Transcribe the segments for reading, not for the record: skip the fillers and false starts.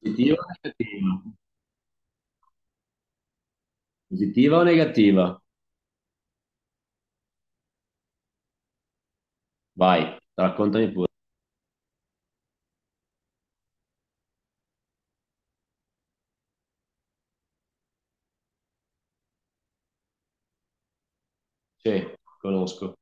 Positiva o negativa? Positiva o negativa? Vai, raccontami pure. Sì, conosco.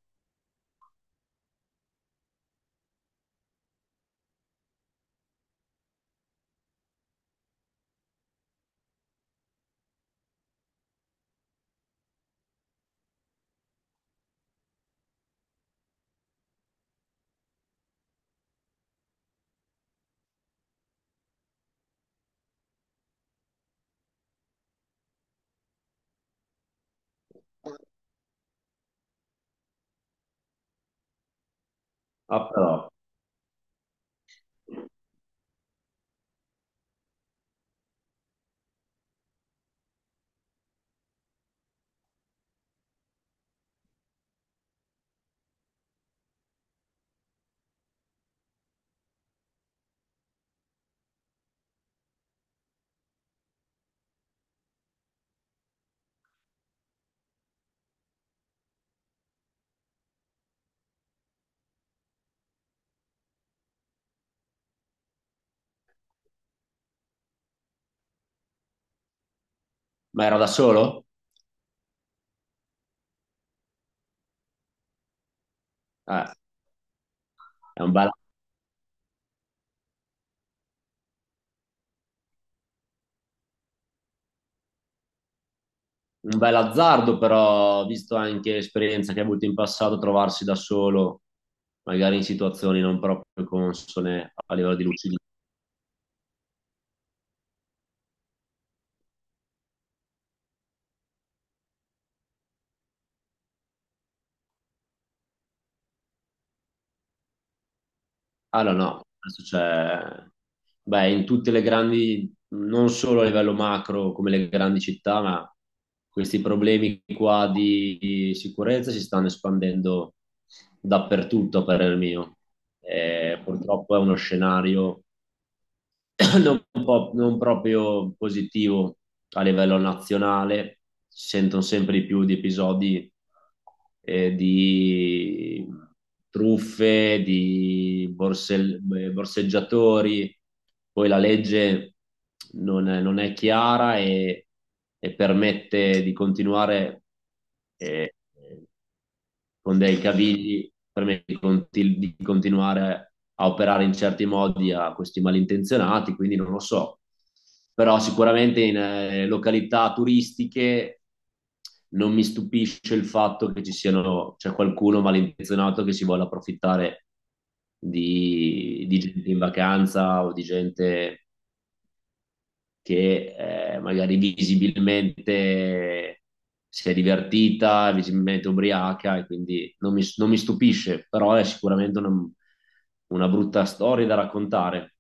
Ah, però. Ma ero da solo? Eh, è un bel azzardo, però, visto anche l'esperienza che hai avuto in passato, trovarsi da solo, magari in situazioni non proprio consone a livello di lucidità. Allora, no, no, adesso c'è, beh, in tutte le grandi, non solo a livello macro come le grandi città, ma questi problemi qua di sicurezza si stanno espandendo dappertutto, a parer mio. E purtroppo è uno scenario non proprio positivo a livello nazionale, si sentono sempre di più di episodi di truffe, di borseggiatori, poi la legge non è, non è chiara e permette di continuare. eh, con dei cavilli per me di di continuare a operare in certi modi a questi malintenzionati, quindi non lo so. Però sicuramente in località turistiche non mi stupisce il fatto che ci siano, c'è qualcuno malintenzionato che si vuole approfittare di gente in vacanza o di gente che magari visibilmente si è divertita, visibilmente ubriaca e quindi non mi, non mi stupisce, però è sicuramente una brutta storia da raccontare.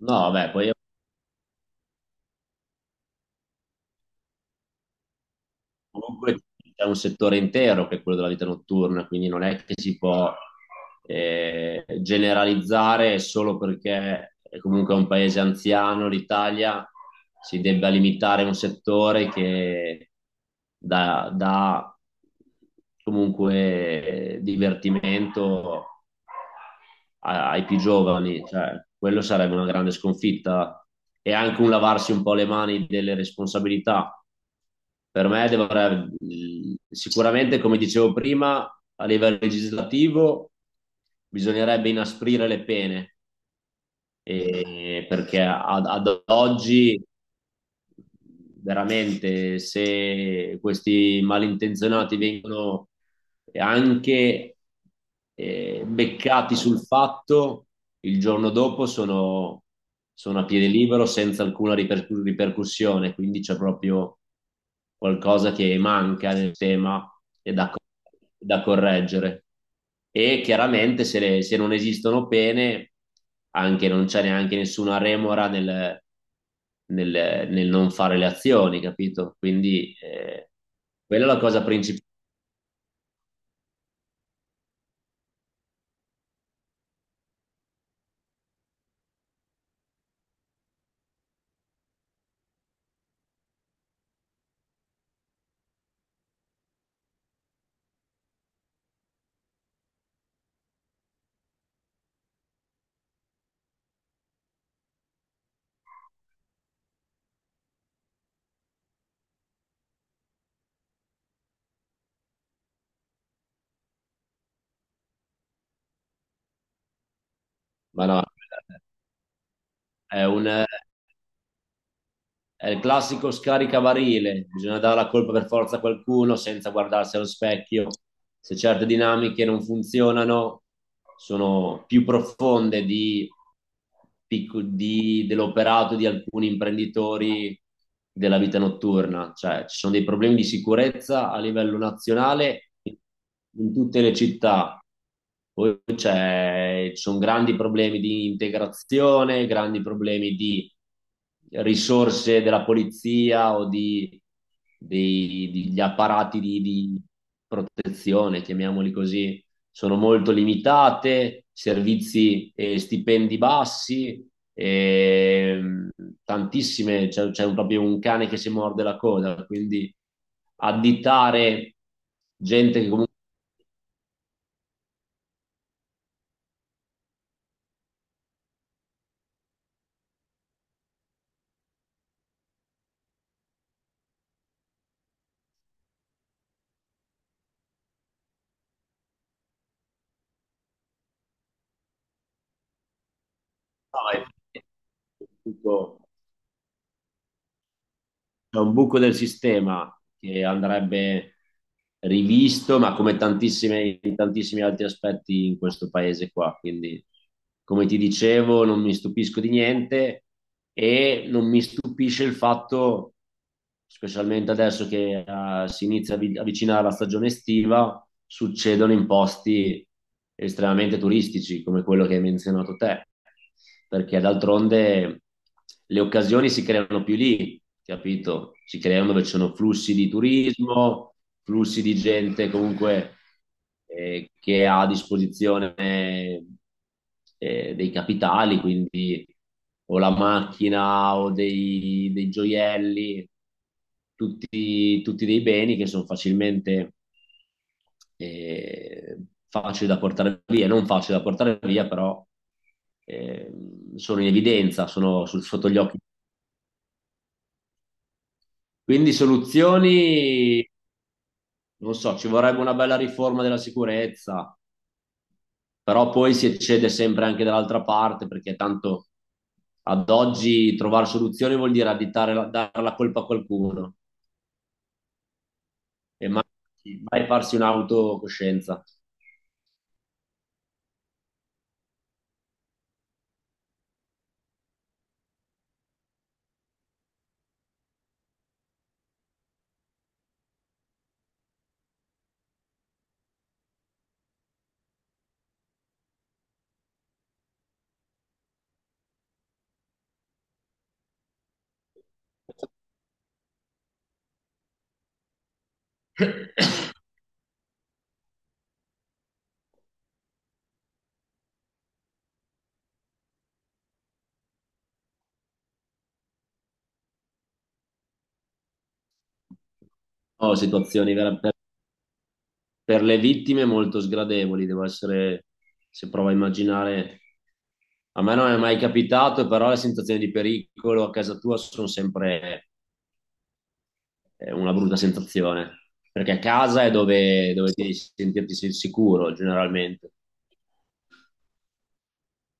No, vabbè, poi comunque c'è un settore intero che è quello della vita notturna, quindi non è che si può generalizzare solo perché è comunque un paese anziano, l'Italia, si debba limitare un settore che dà, dà comunque divertimento a- ai più giovani, cioè, quello sarebbe una grande sconfitta e anche un lavarsi un po' le mani delle responsabilità. Per me dovrebbe, sicuramente, come dicevo prima, a livello legislativo bisognerebbe inasprire le pene, e- perché ad oggi veramente se questi malintenzionati vengono e anche beccati sul fatto, il giorno dopo sono, sono a piede libero senza alcuna ripercussione, quindi c'è proprio qualcosa che manca nel tema e da correggere. E chiaramente se, le- se non esistono pene, anche non c'è neanche nessuna remora nel, nel- nel non fare le azioni, capito? Quindi quella è la cosa principale. Ma no, è, un- è il classico scaricabarile, bisogna dare la colpa per forza a qualcuno senza guardarsi allo specchio. Se certe dinamiche non funzionano, sono più profonde dell'operato di alcuni imprenditori della vita notturna. Cioè, ci sono dei problemi di sicurezza a livello nazionale in tutte le città. Poi c'è- ci sono grandi problemi di integrazione, grandi problemi di risorse della polizia o degli apparati di protezione, chiamiamoli così sono molto limitate, servizi e stipendi bassi, e tantissime, c'è un- proprio un cane che si morde la coda, quindi additare gente che comunque fa è tutto. C'è un buco del sistema che andrebbe rivisto, ma come tantissime- in tantissimi altri aspetti in questo paese qua. Quindi, come ti dicevo, non mi stupisco di niente e non mi stupisce il fatto, specialmente adesso che si inizia a vi- avvicinare la stagione estiva, succedono in posti estremamente turistici come quello che hai menzionato te perché d'altronde le occasioni si creano più lì, capito? Si creano dove ci sono flussi di turismo, flussi di gente comunque che ha a disposizione dei capitali, quindi o la macchina o dei, dei gioielli, tutti, tutti dei beni che sono facilmente eh, facili da portare via, non facili da portare via, però eh, sono in evidenza, sono su- sotto gli occhi. Quindi soluzioni, non so, ci vorrebbe una bella riforma della sicurezza, però poi si eccede sempre anche dall'altra parte, perché tanto ad oggi trovare soluzioni vuol dire additare, la- dare la colpa a qualcuno e mai, mai farsi un'autocoscienza. No, situazioni vera- per le vittime molto sgradevoli, devo essere, se provo a immaginare, a me non è mai capitato, però le sensazioni di pericolo a casa tua sono sempre una brutta sensazione, perché a casa è dove, dove devi sentirti sicuro generalmente.